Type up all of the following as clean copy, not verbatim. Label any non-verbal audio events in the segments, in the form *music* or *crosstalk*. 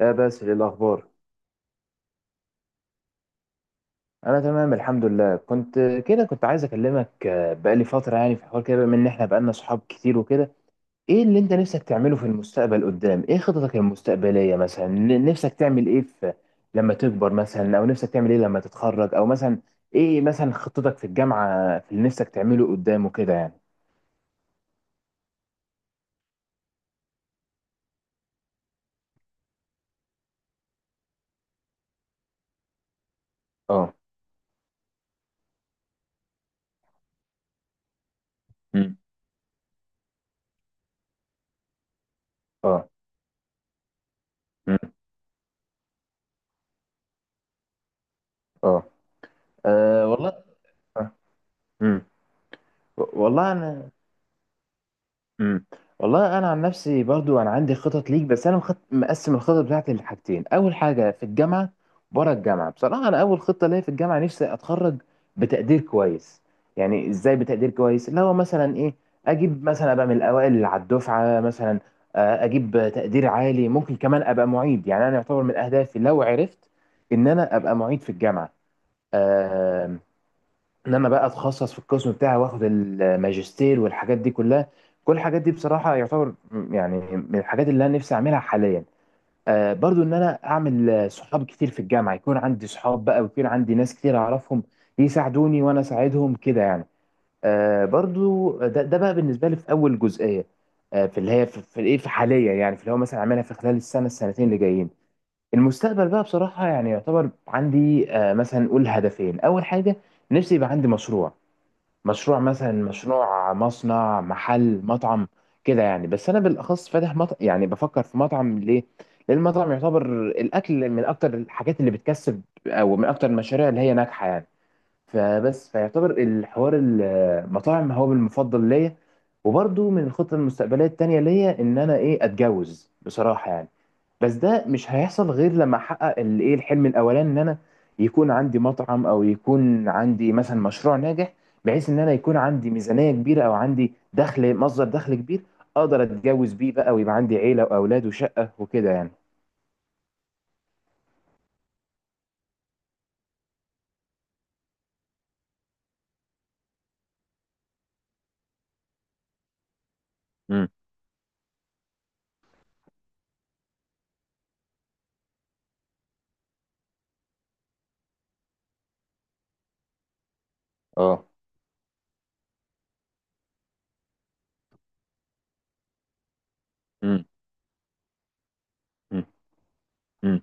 يا بس ايه الاخبار؟ انا تمام الحمد لله. كنت كده كنت عايز اكلمك، بقالي فتره، يعني في حوار كده، بما ان احنا بقالنا صحاب كتير وكده. ايه اللي انت نفسك تعمله في المستقبل قدام؟ ايه خططك المستقبليه، مثلا نفسك تعمل ايه في لما تكبر، مثلا، او نفسك تعمل ايه لما تتخرج، او مثلا ايه مثلا خطتك في الجامعه، في اللي نفسك تعمله قدام وكده يعني؟ اه. مم. اه. مم. اه. والله. آه. مم. والله انا، امم. والله انا عن نفسي برضو انا عندي خطط ليك، بس انا مقسم الخطط بتاعتي لحاجتين: اول حاجه في الجامعه، بره الجامعه. بصراحه انا اول خطه ليا في الجامعه نفسي اتخرج بتقدير كويس. يعني ازاي بتقدير كويس؟ اللي هو مثلا ايه، اجيب مثلا ابقى من الاوائل اللي على الدفعه مثلا، اجيب تقدير عالي، ممكن كمان ابقى معيد. يعني انا يعتبر من اهدافي لو عرفت ان انا ابقى معيد في الجامعه، آه، ان انا بقى اتخصص في القسم بتاعي، واخد الماجستير والحاجات دي كلها. كل الحاجات دي بصراحه يعتبر يعني من الحاجات اللي انا نفسي اعملها حاليا. آه برضو ان انا اعمل صحاب كتير في الجامعه، يكون عندي صحاب بقى، ويكون عندي ناس كتير اعرفهم، يساعدوني وانا اساعدهم كده يعني. آه برضو ده بقى بالنسبه لي في اول جزئيه، آه في اللي هي في الايه في حاليا يعني، في اللي هو مثلا اعملها في خلال السنه السنتين اللي جايين. المستقبل بقى بصراحه يعني يعتبر عندي آه، مثلا نقول هدفين. اول حاجه نفسي يبقى عندي مشروع، مشروع مثلا مصنع، محل، مطعم، كده يعني. بس انا بالاخص فاتح مطعم، يعني بفكر في مطعم. ليه؟ لان المطعم يعتبر الاكل من اكتر الحاجات اللي بتكسب، او من اكتر المشاريع اللي هي ناجحه يعني. فبس فيعتبر الحوار المطاعم هو المفضل ليا. وبرضو من الخطط المستقبليه التانيه ليا ان انا ايه، اتجوز بصراحه يعني. بس ده مش هيحصل غير لما احقق الايه الحلم الاولاني، ان انا يكون عندي مطعم، او يكون عندي مثلا مشروع ناجح، بحيث ان انا يكون عندي ميزانية كبيرة، او عندي دخل، مصدر دخل كبير، اقدر اتجوز بيه بقى، ويبقى عندي عيلة واولاد وشقة وكده يعني. امم. اه. امم. امم.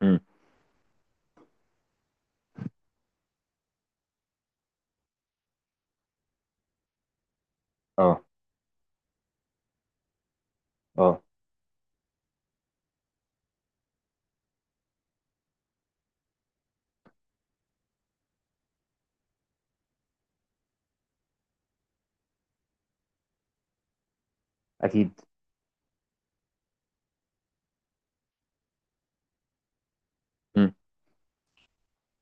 امم. اه. اه. اكيد.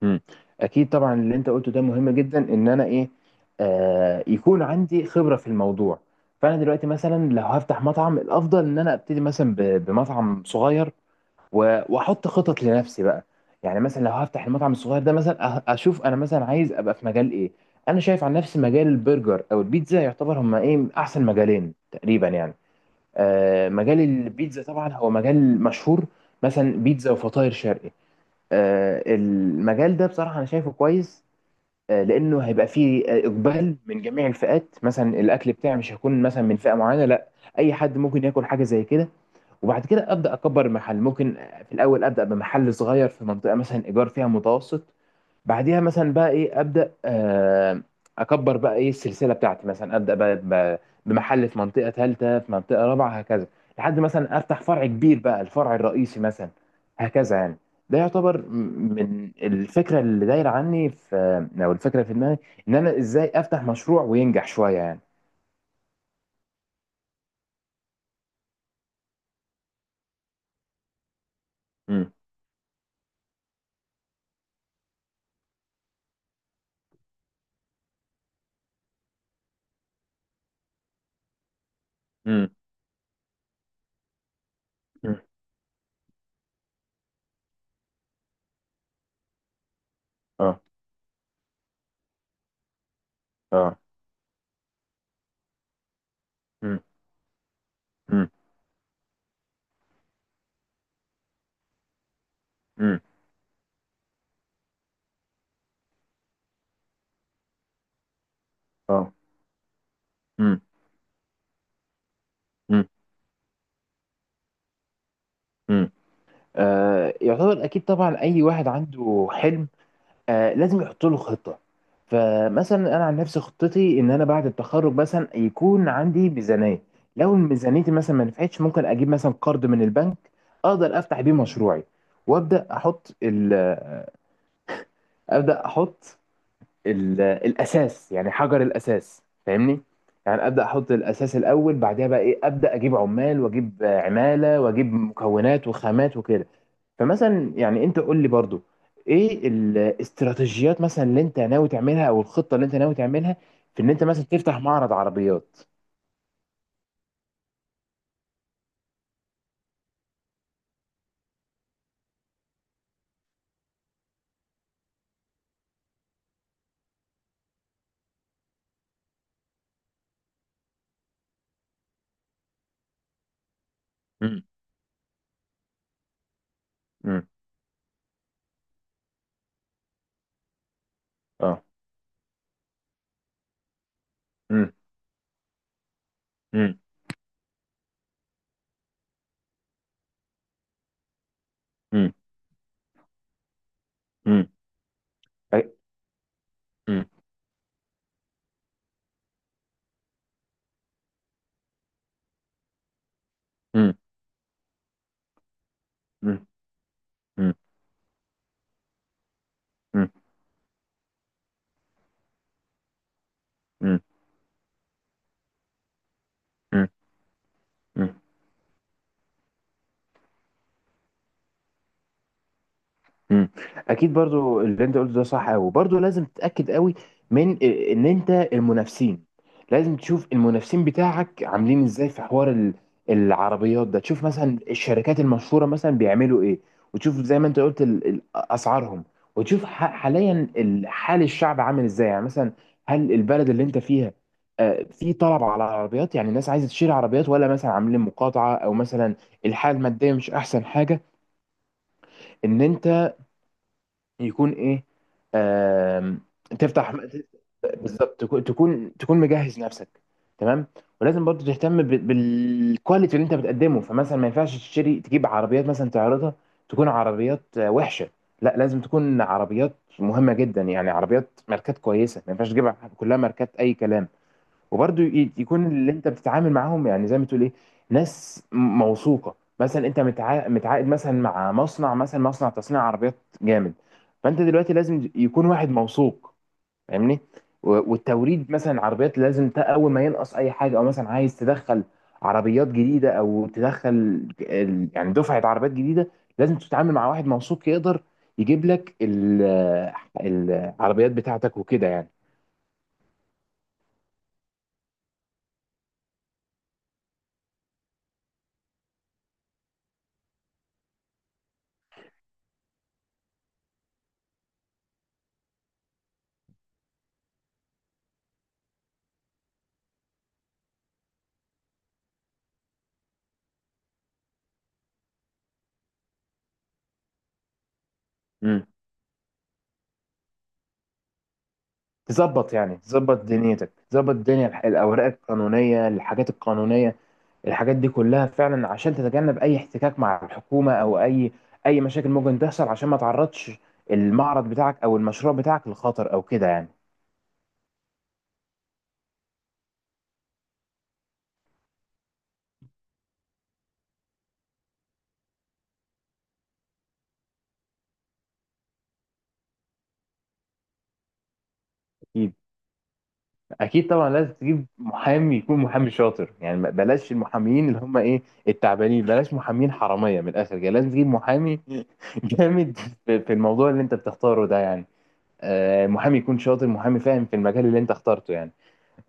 مم. اكيد طبعا اللي انت قلته ده مهم جدا، ان انا ايه، آه يكون عندي خبره في الموضوع. فانا دلوقتي مثلا لو هفتح مطعم، الافضل ان انا ابتدي مثلا بمطعم صغير، واحط خطط لنفسي بقى. يعني مثلا لو هفتح المطعم الصغير ده، مثلا اشوف انا مثلا عايز ابقى في مجال ايه. انا شايف عن نفسي مجال البرجر او البيتزا يعتبر هما ايه، من احسن مجالين تقريبا يعني. آه مجال البيتزا طبعا هو مجال مشهور، مثلا بيتزا وفطاير شرقي. المجال ده بصراحة أنا شايفه كويس، لأنه هيبقى فيه إقبال من جميع الفئات. مثلا الأكل بتاعي مش هيكون مثلا من فئة معينة، لا، أي حد ممكن ياكل حاجة زي كده. وبعد كده أبدأ أكبر المحل. ممكن في الأول أبدأ بمحل صغير في منطقة مثلا إيجار فيها متوسط. بعديها مثلا بقى إيه، أبدأ أكبر بقى إيه السلسلة بتاعتي. مثلا أبدأ بقى بمحل في منطقة ثالثة، في منطقة رابعة، هكذا، لحد مثلا أفتح فرع كبير بقى، الفرع الرئيسي مثلا، هكذا يعني. ده يعتبر من الفكره اللي دايره عني في، او الفكره في دماغي، ان انا ازاي افتح مشروع وينجح شويه يعني. امم. امم. امم. اه. اه. امم. امم. امم. اه. امم. امم. يعتبر اكيد طبعا اي واحد عنده حلم، آه لازم يحطوا له خطة. فمثلا انا عن نفسي خطتي ان انا بعد التخرج مثلا يكون عندي ميزانية. لو ميزانيتي مثلا ما نفعتش، ممكن اجيب مثلا قرض من البنك، اقدر افتح بيه مشروعي، وابدا احط ال آه، ابدا احط الاساس، يعني حجر الاساس، فاهمني؟ يعني ابدا احط الاساس الاول، بعدها بقى ايه، ابدا اجيب عمال، واجيب عماله، واجيب مكونات وخامات وكده. فمثلا يعني انت قول لي برضو، ايه الاستراتيجيات مثلا اللي انت ناوي تعملها، او الخطه اللي انت ناوي تعملها في ان انت مثلا تفتح معرض عربيات؟ امم. امم. اه. امم. امم. امم. امم. امم. امم. امم. امم. امم. مم. اكيد برضو اللي انت قلته ده صح قوي، برضو لازم تتاكد قوي من إيه، ان انت المنافسين، لازم تشوف المنافسين بتاعك عاملين ازاي في حوار العربيات ده، تشوف مثلا الشركات المشهوره مثلا بيعملوا ايه، وتشوف زي ما انت قلت اسعارهم، وتشوف حاليا حال الشعب عامل ازاي يعني، مثلا هل البلد اللي انت فيها في طلب على العربيات؟ يعني الناس عايزه تشتري عربيات، ولا مثلا عاملين مقاطعه، او مثلا الحاله الماديه مش احسن حاجه ان انت يكون ايه، آم، تفتح. بالظبط، تكون مجهز نفسك. تمام. ولازم برضو تهتم بالكواليتي اللي انت بتقدمه. فمثلا ما ينفعش تشتري تجيب عربيات مثلا تعرضها، تكون عربيات وحشه. لا، لازم تكون عربيات مهمه جدا يعني، عربيات ماركات كويسه، ما ينفعش تجيب كلها ماركات اي كلام. وبرضه يكون اللي انت بتتعامل معاهم، يعني زي ما تقول ايه، ناس موثوقه، مثلا انت متعاقد مثلا مع مصنع، مثلا مصنع تصنيع عربيات جامد. فانت دلوقتي لازم يكون واحد موثوق، فاهمني؟ والتوريد مثلا عربيات لازم اول ما ينقص اي حاجه، او مثلا عايز تدخل عربيات جديده، او تدخل يعني دفعه عربيات جديده، لازم تتعامل مع واحد موثوق يقدر يجيب لك العربيات بتاعتك وكده يعني. تظبط يعني، تظبط دنيتك، تظبط الدنيا الاوراق القانونيه، الحاجات القانونيه، الحاجات دي كلها فعلا، عشان تتجنب اي احتكاك مع الحكومه، او اي اي مشاكل ممكن تحصل، عشان ما تعرضش المعرض بتاعك او المشروع بتاعك للخطر، او كده يعني. اكيد. اكيد طبعا لازم تجيب محامي، يكون محامي شاطر يعني، بلاش المحاميين اللي هم ايه، التعبانين، بلاش محامين حراميه من الاخر يعني. لازم تجيب محامي *laughs* جامد في في الموضوع اللي انت بتختاره ده يعني، محامي يكون شاطر، محامي فاهم في المجال اللي انت اخترته يعني،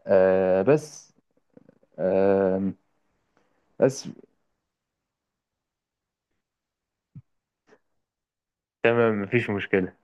آه، بس آه، بس تمام، مفيش مشكلة.